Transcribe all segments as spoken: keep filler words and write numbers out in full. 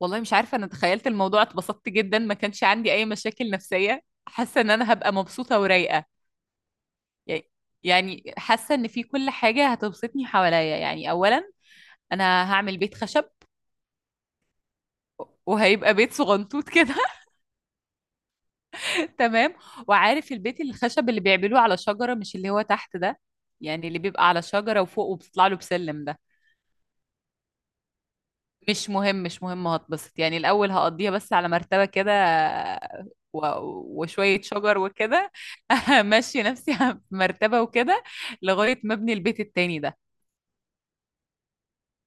والله مش عارفة، أنا تخيلت الموضوع اتبسطت جدا، ما كانش عندي أي مشاكل نفسية. حاسة إن أنا هبقى مبسوطة ورايقة. يعني يعني حاسة إن في كل حاجة هتبسطني حواليا. يعني أولا أنا هعمل بيت خشب، وهيبقى بيت صغنطوط كده. تمام. وعارف البيت الخشب اللي بيعملوه على شجرة، مش اللي هو تحت ده؟ يعني اللي بيبقى على شجرة وفوق وبتطلع له بسلم ده. مش مهم، مش مهم، هتبسط يعني. الأول هقضيها بس على مرتبة كده و... وشوية شجر وكده. همشي نفسي في مرتبة وكده لغاية ما أبني البيت التاني ده.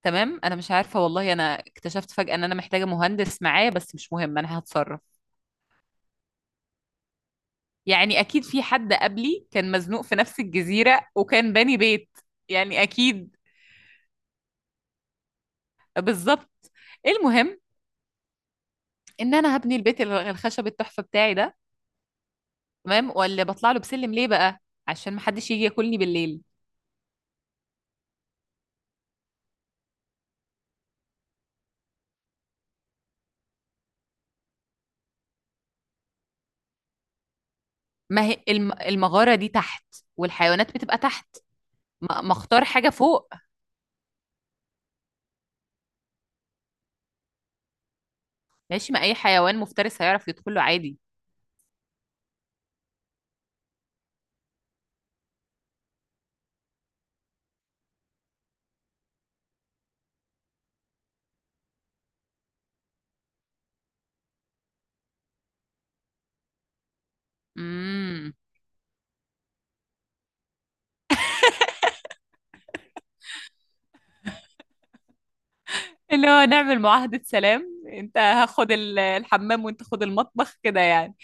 تمام. أنا مش عارفة والله، أنا اكتشفت فجأة إن أنا محتاجة مهندس معايا، بس مش مهم أنا هتصرف. يعني أكيد في حد قبلي كان مزنوق في نفس الجزيرة وكان باني بيت. يعني أكيد. بالظبط. المهم إن أنا هبني البيت الخشب التحفة بتاعي ده. تمام. واللي بطلع له بسلم ليه بقى؟ عشان محدش يجي ياكلني بالليل. ما هي الم- المغارة دي تحت، والحيوانات بتبقى تحت. ما ما اختار حاجة فوق. ماشي. ما اي حيوان مفترس هيعرف يدخله عادي. امم اللي هو نعمل معاهدة سلام، انت هاخد ال- الحمام وانت خد المطبخ كده يعني.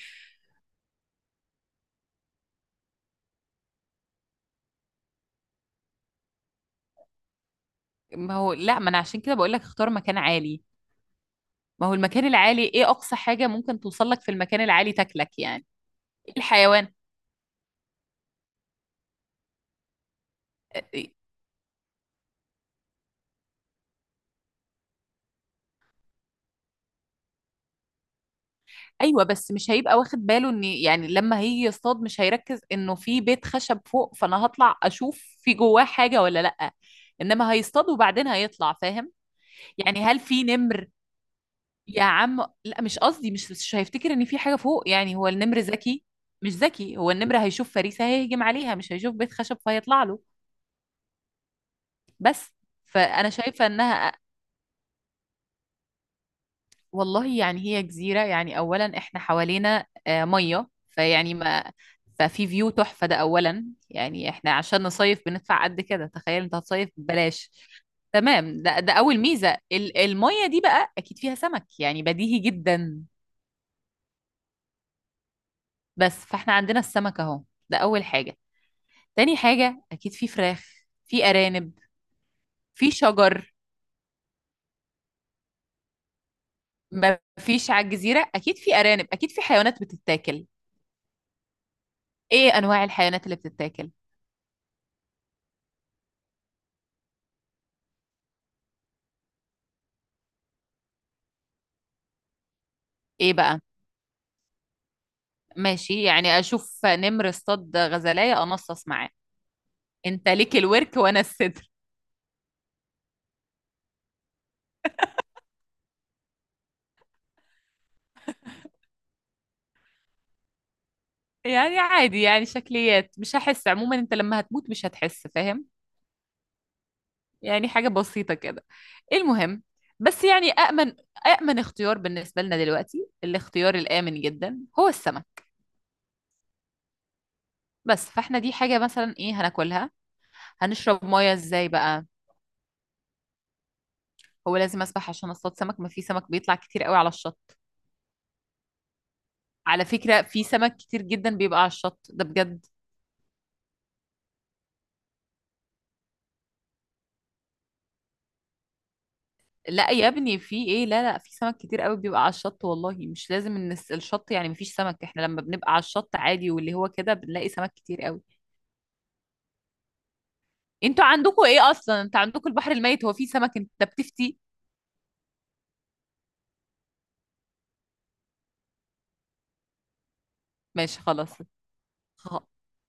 ما هو لا، ما انا عشان كده بقول لك اختار مكان عالي. ما هو المكان العالي، ايه اقصى حاجة ممكن توصل لك في المكان العالي تاكلك يعني؟ إيه الحيوان؟ ايوه، بس مش هيبقى واخد باله ان يعني لما هيجي يصطاد مش هيركز انه في بيت خشب فوق، فانا هطلع اشوف في جواه حاجه ولا لا. انما هيصطاد وبعدين هيطلع، فاهم؟ يعني هل في نمر؟ يا عم. لا مش قصدي، مش مش هيفتكر ان في حاجه فوق. يعني هو النمر ذكي؟ مش ذكي. هو النمر هيشوف فريسه هيهجم عليها، مش هيشوف بيت خشب فهيطلع له. بس. فانا شايفه انها، والله يعني هي جزيرة، يعني أولا إحنا حوالينا آه، مية فيعني ما ففي فيو تحفة ده. أولا يعني إحنا عشان نصيف بندفع قد كده، تخيل أنت هتصيف ببلاش. تمام. ده ده أول ميزة، ال- المية دي بقى أكيد فيها سمك، يعني بديهي جدا. بس فإحنا عندنا السمك أهو. ده أول حاجة. تاني حاجة أكيد في فراخ، في أرانب، في شجر. ما فيش على الجزيرة؟ أكيد في أرانب، أكيد في حيوانات بتتاكل. إيه أنواع الحيوانات اللي بتتاكل؟ ايه بقى. ماشي، يعني اشوف نمر اصطاد غزلاية انصص معاه. انت ليك الورك وانا الصدر. يعني عادي، يعني شكليات، مش هحس عموما. انت لما هتموت مش هتحس فاهم. يعني حاجة بسيطة كده. المهم. بس يعني أأمن، أأمن اختيار بالنسبة لنا دلوقتي، الاختيار الآمن جدا هو السمك. بس فاحنا دي حاجة مثلا ايه هناكلها. هنشرب مية ازاي بقى؟ هو لازم اسبح عشان اصطاد سمك؟ ما في سمك بيطلع كتير قوي على الشط. على فكرة، في سمك كتير جدا بيبقى على الشط ده بجد. لا يا ابني، في ايه؟ لا لا، في سمك كتير قوي بيبقى على الشط، والله مش لازم ان الس- الشط. يعني مفيش سمك؟ احنا لما بنبقى على الشط عادي واللي هو كده بنلاقي سمك كتير قوي. انتوا عندكوا ايه اصلا؟ انت عندكوا البحر الميت، هو فيه سمك انت بتفتي؟ ماشي خلاص. خ-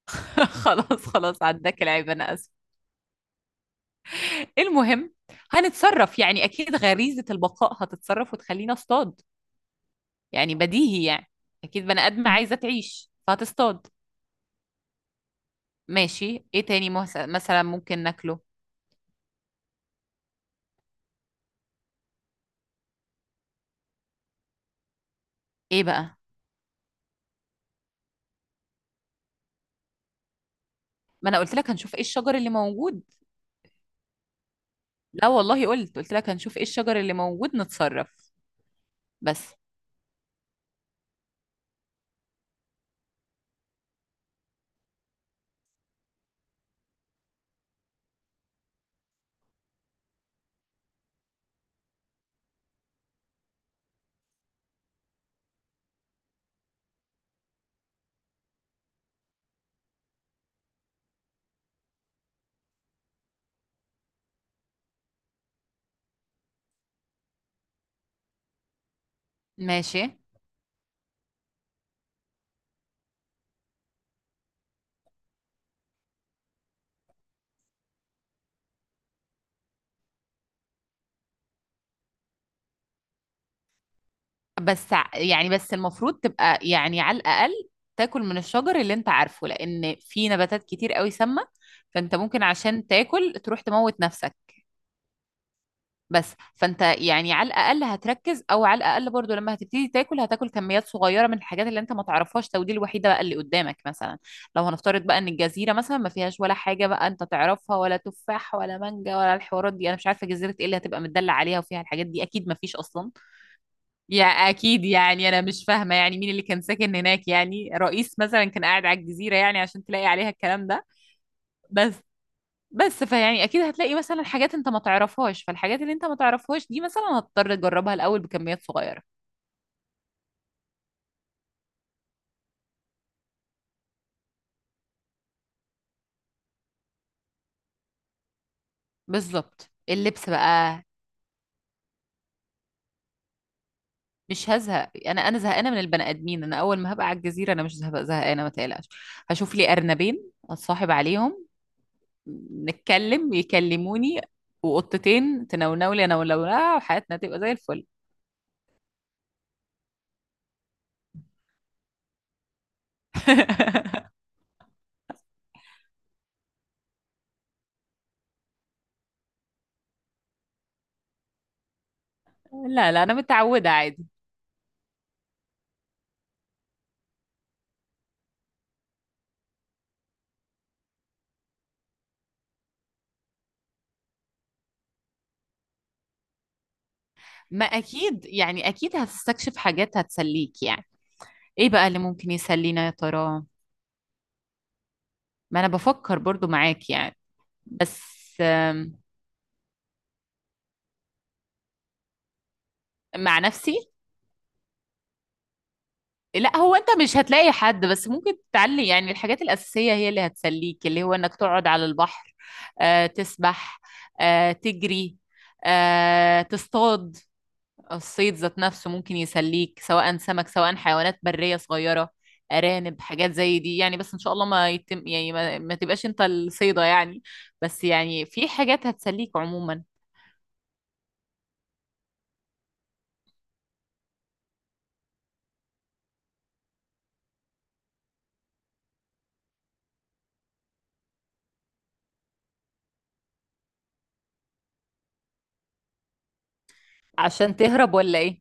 خلاص خلاص، عداك العيب، انا اسف. المهم. هنتصرف، يعني اكيد غريزة البقاء هتتصرف وتخلينا اصطاد. يعني بديهي يعني. اكيد بني ادم عايزة تعيش فهتصطاد. ماشي ايه تاني مهس- مثلا ممكن ناكله. ايه بقى. ما انا قلت لك هنشوف ايه الشجر اللي موجود. لا والله، قلت قلت لك هنشوف ايه الشجر اللي موجود، نتصرف. بس. ماشي. بس ع- يعني بس المفروض تبقى يعني على الاقل تاكل من الشجر اللي انت عارفه، لان في نباتات كتير قوي سامة، فانت ممكن عشان تاكل تروح تموت نفسك. بس فانت يعني على الاقل هتركز، او على الاقل برضو لما هتبتدي تاكل، هتاكل كميات صغيره من الحاجات اللي انت ما تعرفهاش، او دي الوحيده بقى اللي قدامك مثلا. لو هنفترض بقى ان الجزيره مثلا ما فيهاش ولا حاجه بقى انت تعرفها، ولا تفاح ولا مانجا ولا الحوارات دي. انا مش عارفه جزيره ايه اللي هتبقى متدلع عليها وفيها الحاجات دي، اكيد ما فيش اصلا. يا اكيد يعني، انا مش فاهمه يعني مين اللي كان ساكن هناك؟ يعني رئيس مثلا كان قاعد على الجزيره يعني عشان تلاقي عليها الكلام ده؟ بس. بس فيعني اكيد هتلاقي مثلا حاجات انت ما تعرفهاش، فالحاجات اللي انت ما تعرفهاش دي مثلا هتضطر تجربها الاول بكميات صغيره. بالظبط. اللبس بقى. مش هزهق انا انا زهقانه من البني ادمين. انا اول ما هبقى على الجزيره انا مش زهق- زهقانه، ما تقلقش. هشوف لي ارنبين اتصاحب عليهم، نتكلم يكلموني، وقطتين تنونولي انا ولولها، وحياتنا تبقى زي الفل. لا لا، انا متعوده عادي. ما اكيد يعني، اكيد هتستكشف حاجات هتسليك يعني. ايه بقى اللي ممكن يسلينا يا ترى؟ ما انا بفكر برضو معاك يعني. بس. آم، مع نفسي. لا هو انت مش هتلاقي حد، بس ممكن تعلي يعني الحاجات الاساسيه هي اللي هتسليك، اللي هو انك تقعد على البحر، آه، تسبح، آه، تجري، آه، تصطاد. الصيد ذات نفسه ممكن يسليك، سواء سمك سواء حيوانات بريه صغيره، ارانب حاجات زي دي يعني. بس ان شاء الله ما يتم يعني، ما, ما تبقاش انت الصيده يعني. بس يعني في حاجات هتسليك عموما. عشان تهرب ولا ايه؟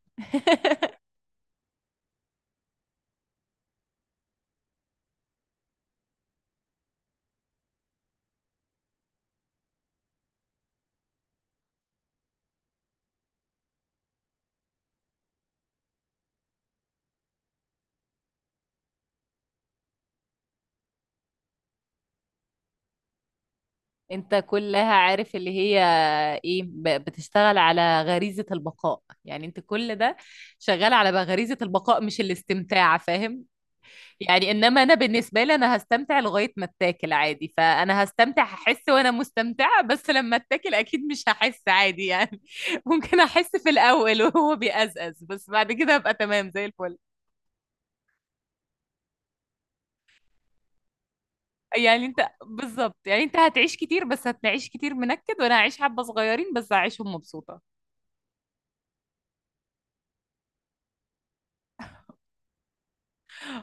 انت كلها عارف اللي هي ايه، ب- بتشتغل على غريزة البقاء. يعني انت كل ده شغال على بقى غريزة البقاء مش الاستمتاع، فاهم؟ يعني انما انا بالنسبة لي، انا هستمتع لغاية ما اتاكل عادي. فانا هستمتع، هحس وانا مستمتعة، بس لما اتاكل اكيد مش هحس عادي يعني. ممكن احس في الاول وهو بيأزأز، بس بعد كده ابقى تمام زي الفل. يعني انت بالظبط، يعني انت هتعيش كتير، بس هتعيش كتير منكد، وانا هعيش حبة صغيرين بس هعيشهم مبسوطة.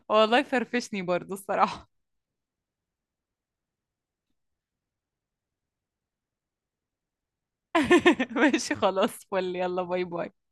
والله فرفشني برضو الصراحة. ماشي خلاص فل، يلا باي باي.